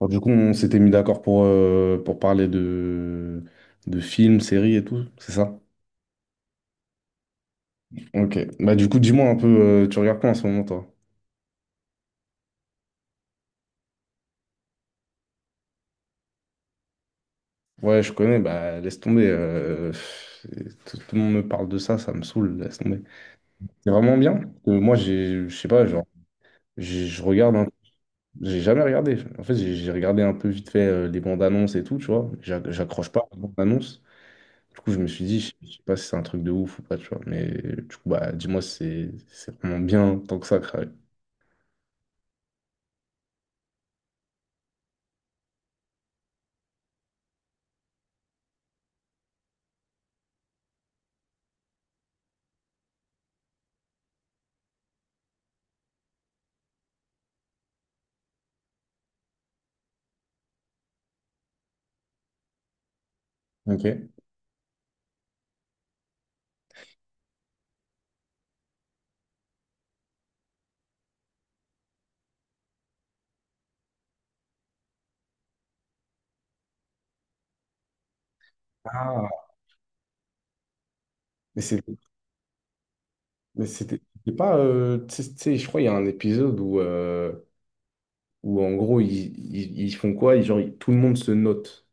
Alors, du coup, on s'était mis d'accord pour parler de films, séries et tout, c'est ça? Ok. Bah, du coup, dis-moi un peu, tu regardes quoi en ce moment, toi? Ouais, je connais, bah, laisse tomber. Tout le monde me parle de ça, ça me saoule, laisse tomber. C'est vraiment bien. Moi, je sais pas, genre, je regarde un. J'ai jamais regardé. En fait, j'ai regardé un peu vite fait les bandes annonces et tout, tu vois. J'accroche pas aux bandes annonces. Du coup, je me suis dit, je sais pas si c'est un truc de ouf ou pas, tu vois. Mais du coup, bah, dis-moi, si c'est vraiment bien tant que ça, Cry. Ok. Ah, mais c'est- mais c'était c'était pas. Tu sais, je crois qu'il y a un épisode où, où en gros, ils font quoi? Tout le monde se note.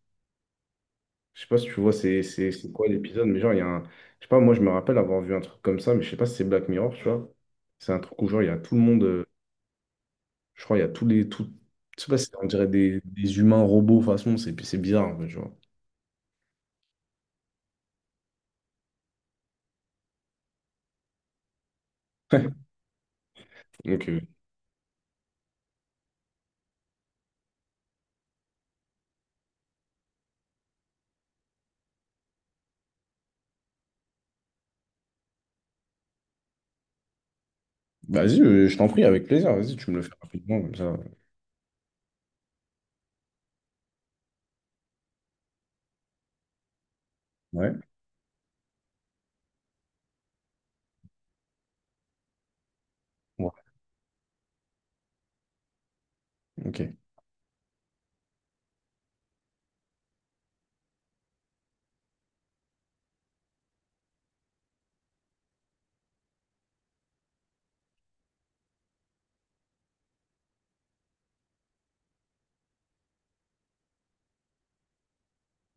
Je sais pas si tu vois, c'est quoi l'épisode, mais genre, il y a un. Je sais pas, moi, je me rappelle avoir vu un truc comme ça, mais je sais pas si c'est Black Mirror, tu vois. C'est un truc où, genre, il y a tout le monde. Je crois, il y a tous les. Tout, je sais pas, on dirait des humains robots, façon, c'est bizarre, en fait, tu vois. Ok. Vas-y, je t'en prie, avec plaisir. Vas-y, tu me le fais rapidement, comme ça. Ouais. Ouais. Ok.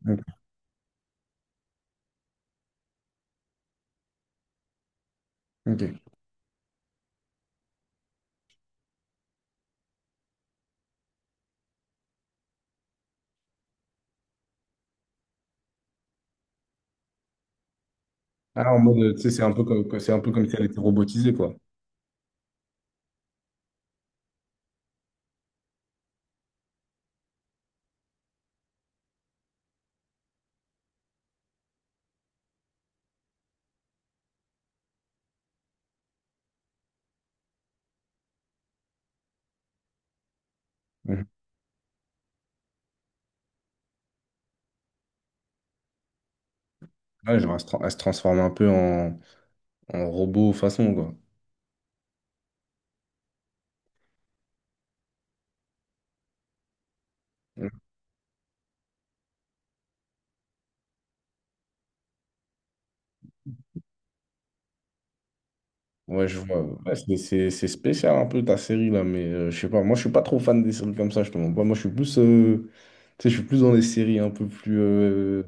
Ok. Ok. Ah, en mode, tu sais, c'est un peu comme si elle était robotisée, quoi. Mhm. Ouais, genre, elle se transforme un peu en, en robot façon, quoi. Mhm. Ouais, je vois. Ouais, c'est spécial un peu ta série, là, mais je sais pas. Moi, je suis pas trop fan des séries comme ça, je te mens pas. Moi, je suis plus, tu sais, je suis plus dans les séries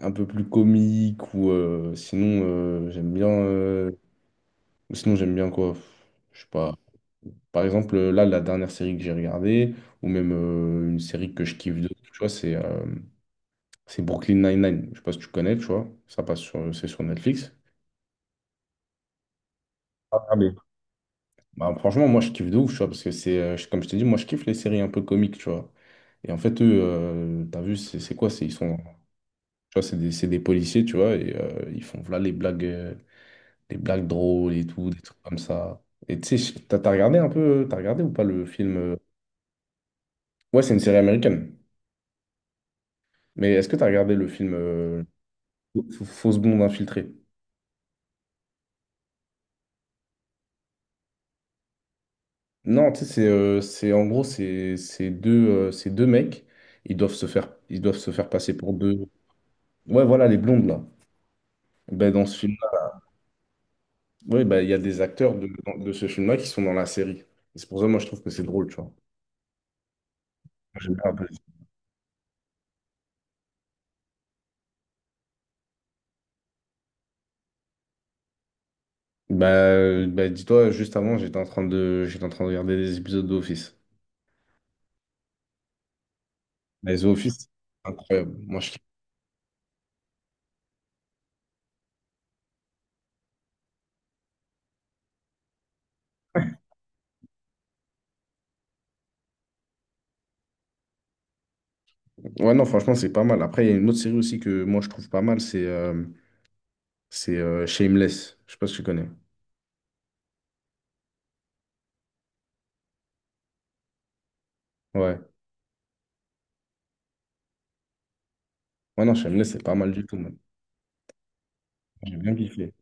un peu plus comiques ou sinon, j'aime bien. Sinon, j'aime bien quoi? Je sais pas. Par exemple, là, la dernière série que j'ai regardée, ou même une série que je kiffe de, tu vois, c'est Brooklyn Nine-Nine. Je sais pas si tu connais, tu vois. Ça passe sur, c'est sur Netflix. Ah, ah, mais- Bah, franchement, moi, je kiffe de ouf, tu vois, parce que c'est, comme je t'ai dit, moi, je kiffe les séries un peu comiques, tu vois. Et en fait, eux, t'as vu, c'est quoi? C'est, ils sont, tu vois, c'est des policiers, tu vois, et ils font, voilà, les blagues drôles et tout, des trucs comme ça. Et tu sais, t'as regardé un peu, t'as regardé ou pas le film? Ouais, c'est une série américaine. Mais est-ce que tu as regardé le film Fausse blonde infiltrée? Non, tu sais, en gros, c'est deux mecs, ils doivent se faire passer pour deux. Ouais, voilà, les blondes, là. Ben, dans ce film-là, ouais, ben, il y a des acteurs de ce film-là qui sont dans la série. Et c'est pour ça, moi, je trouve que c'est drôle, tu vois. Moi, j'aime bien un peu. Bah, bah, dis-toi, juste avant, j'étais en train de regarder des épisodes d'Office. Les Office, c'est incroyable. Moi, je kiffe. Ouais, non, franchement, c'est pas mal. Après, il y a une autre série aussi que moi, je trouve pas mal, c'est Shameless. Je sais pas si tu connais. Ouais. Ouais, non, Shameless, c'est pas mal du tout, même. J'ai bien kiffé.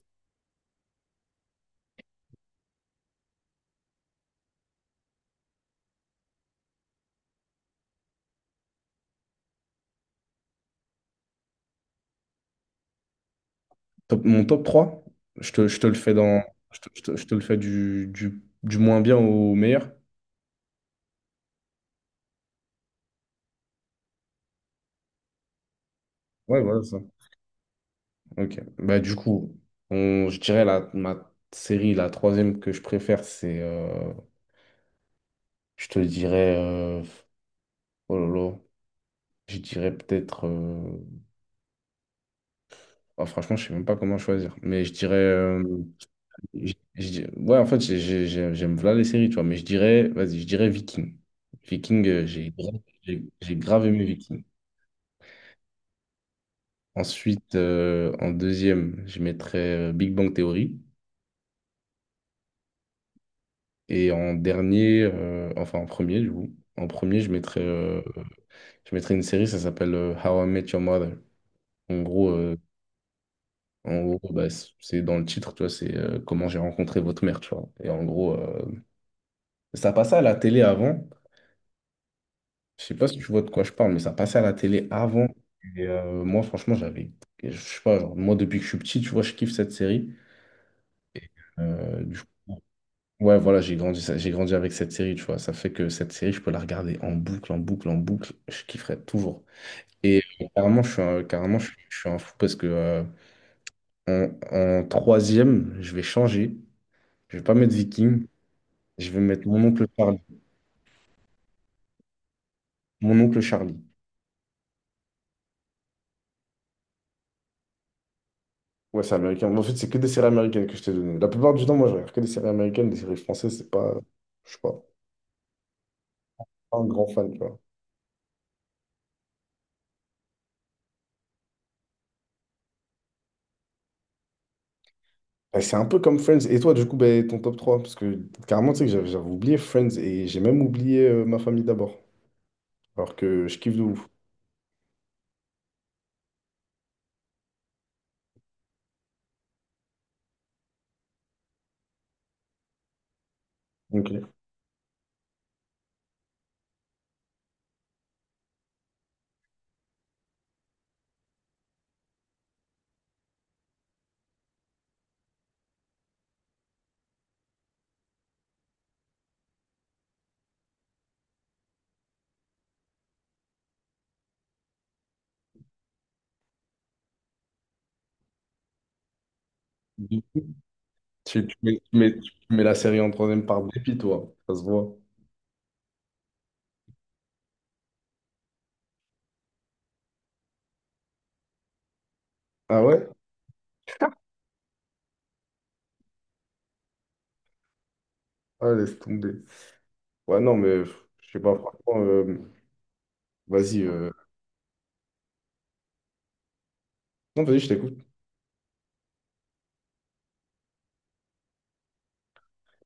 Top, mon top 3 je te le fais dans. Je te, je te- je te le fais du, du moins bien au meilleur. Ouais, voilà ça. Ok. Bah, du coup, je dirais ma série, la troisième que je préfère, c'est. Je te dirais. Oh là là. Je dirais peut-être. Ah, franchement, je sais même pas comment choisir. Mais je dirais. Ouais, en fait, j'aime voilà les séries, tu vois, mais je dirais, vas-y, je dirais Viking. Viking, j'ai grave aimé Viking. Ensuite, en deuxième, je mettrais Big Bang Theory. Et en dernier, enfin en premier, du coup, en premier, je mettrais, une série, ça s'appelle How I Met Your Mother. En gros, euh, en gros, c'est dans le titre, tu vois, c'est comment j'ai rencontré votre mère, tu vois. Et en gros, ça passait à la télé avant. Je sais pas si tu vois de quoi je parle, mais ça passait à la télé avant. Et moi, franchement, j'avais. Je sais pas, genre, moi, depuis que je suis petit, tu vois, je kiffe cette série. Du coup, ouais, voilà, j'ai grandi avec cette série, tu vois. Ça fait que cette série, je peux la regarder en boucle, en boucle, en boucle. Je kifferais toujours. Et carrément, carrément, je suis un fou parce que en troisième, je vais changer. Je vais pas mettre Viking. Je vais mettre mon oncle Charlie. Mon oncle Charlie. Ouais, c'est américain. Mais en fait, c'est que des séries américaines que je t'ai données. La plupart du temps, moi, je regarde que des séries américaines, des séries françaises, c'est pas. Je sais pas. Un grand fan, tu vois. Et c'est un peu comme Friends. Et toi, du coup, ben, ton top trois? Parce que carrément, tu sais que j'avais oublié Friends et j'ai même oublié ma famille d'abord. Alors que je kiffe de ouf. Ok. Tu, tu mets la série en troisième par dépit, toi. Ça se voit. Ah ouais? Ah, laisse tomber. Ouais, non, mais pff, je sais pas, franchement. Vas-y. Non, vas-y, je t'écoute.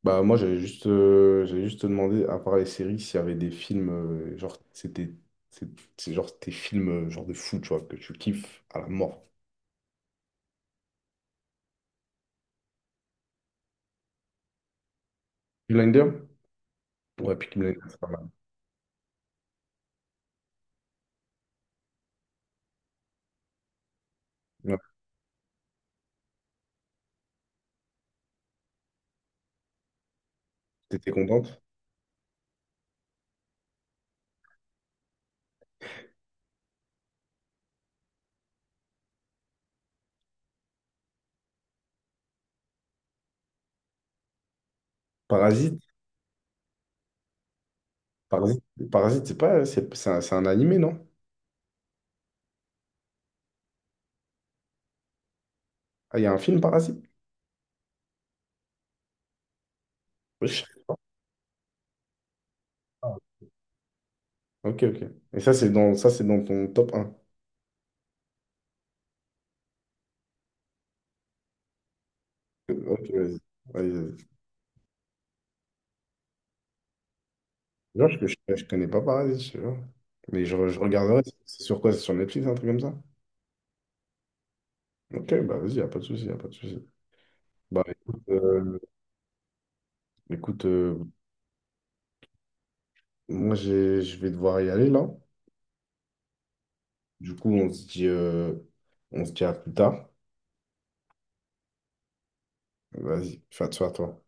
Bah moi j'avais juste demandé à part les séries s'il y avait des films genre c'est c'est genre tes films genre de fou tu vois que tu kiffes à la mort. Blinder? Ouais, Peaky Blinders, c'est pas mal. Ouais. T'étais contente? Parasite? Parasite, Parasite, c'est pas c'est un, c'est un animé non? Ah il y a un film Parasite? Ouais, je sais pas. Ok ok. Et ça c'est dans ton top un? Ok vas-y. Vas-y. Genre, je connais pas Parasite, je sais pas. Mais je regarderai. C'est sur quoi? C'est sur Netflix un truc comme ça? Ok, bah vas-y, y a pas de souci, y a pas de souci. Bah écoute, écoute euh, moi je vais devoir y aller là. Du coup, on se dit, à plus tard. Vas-y, fais attention toi.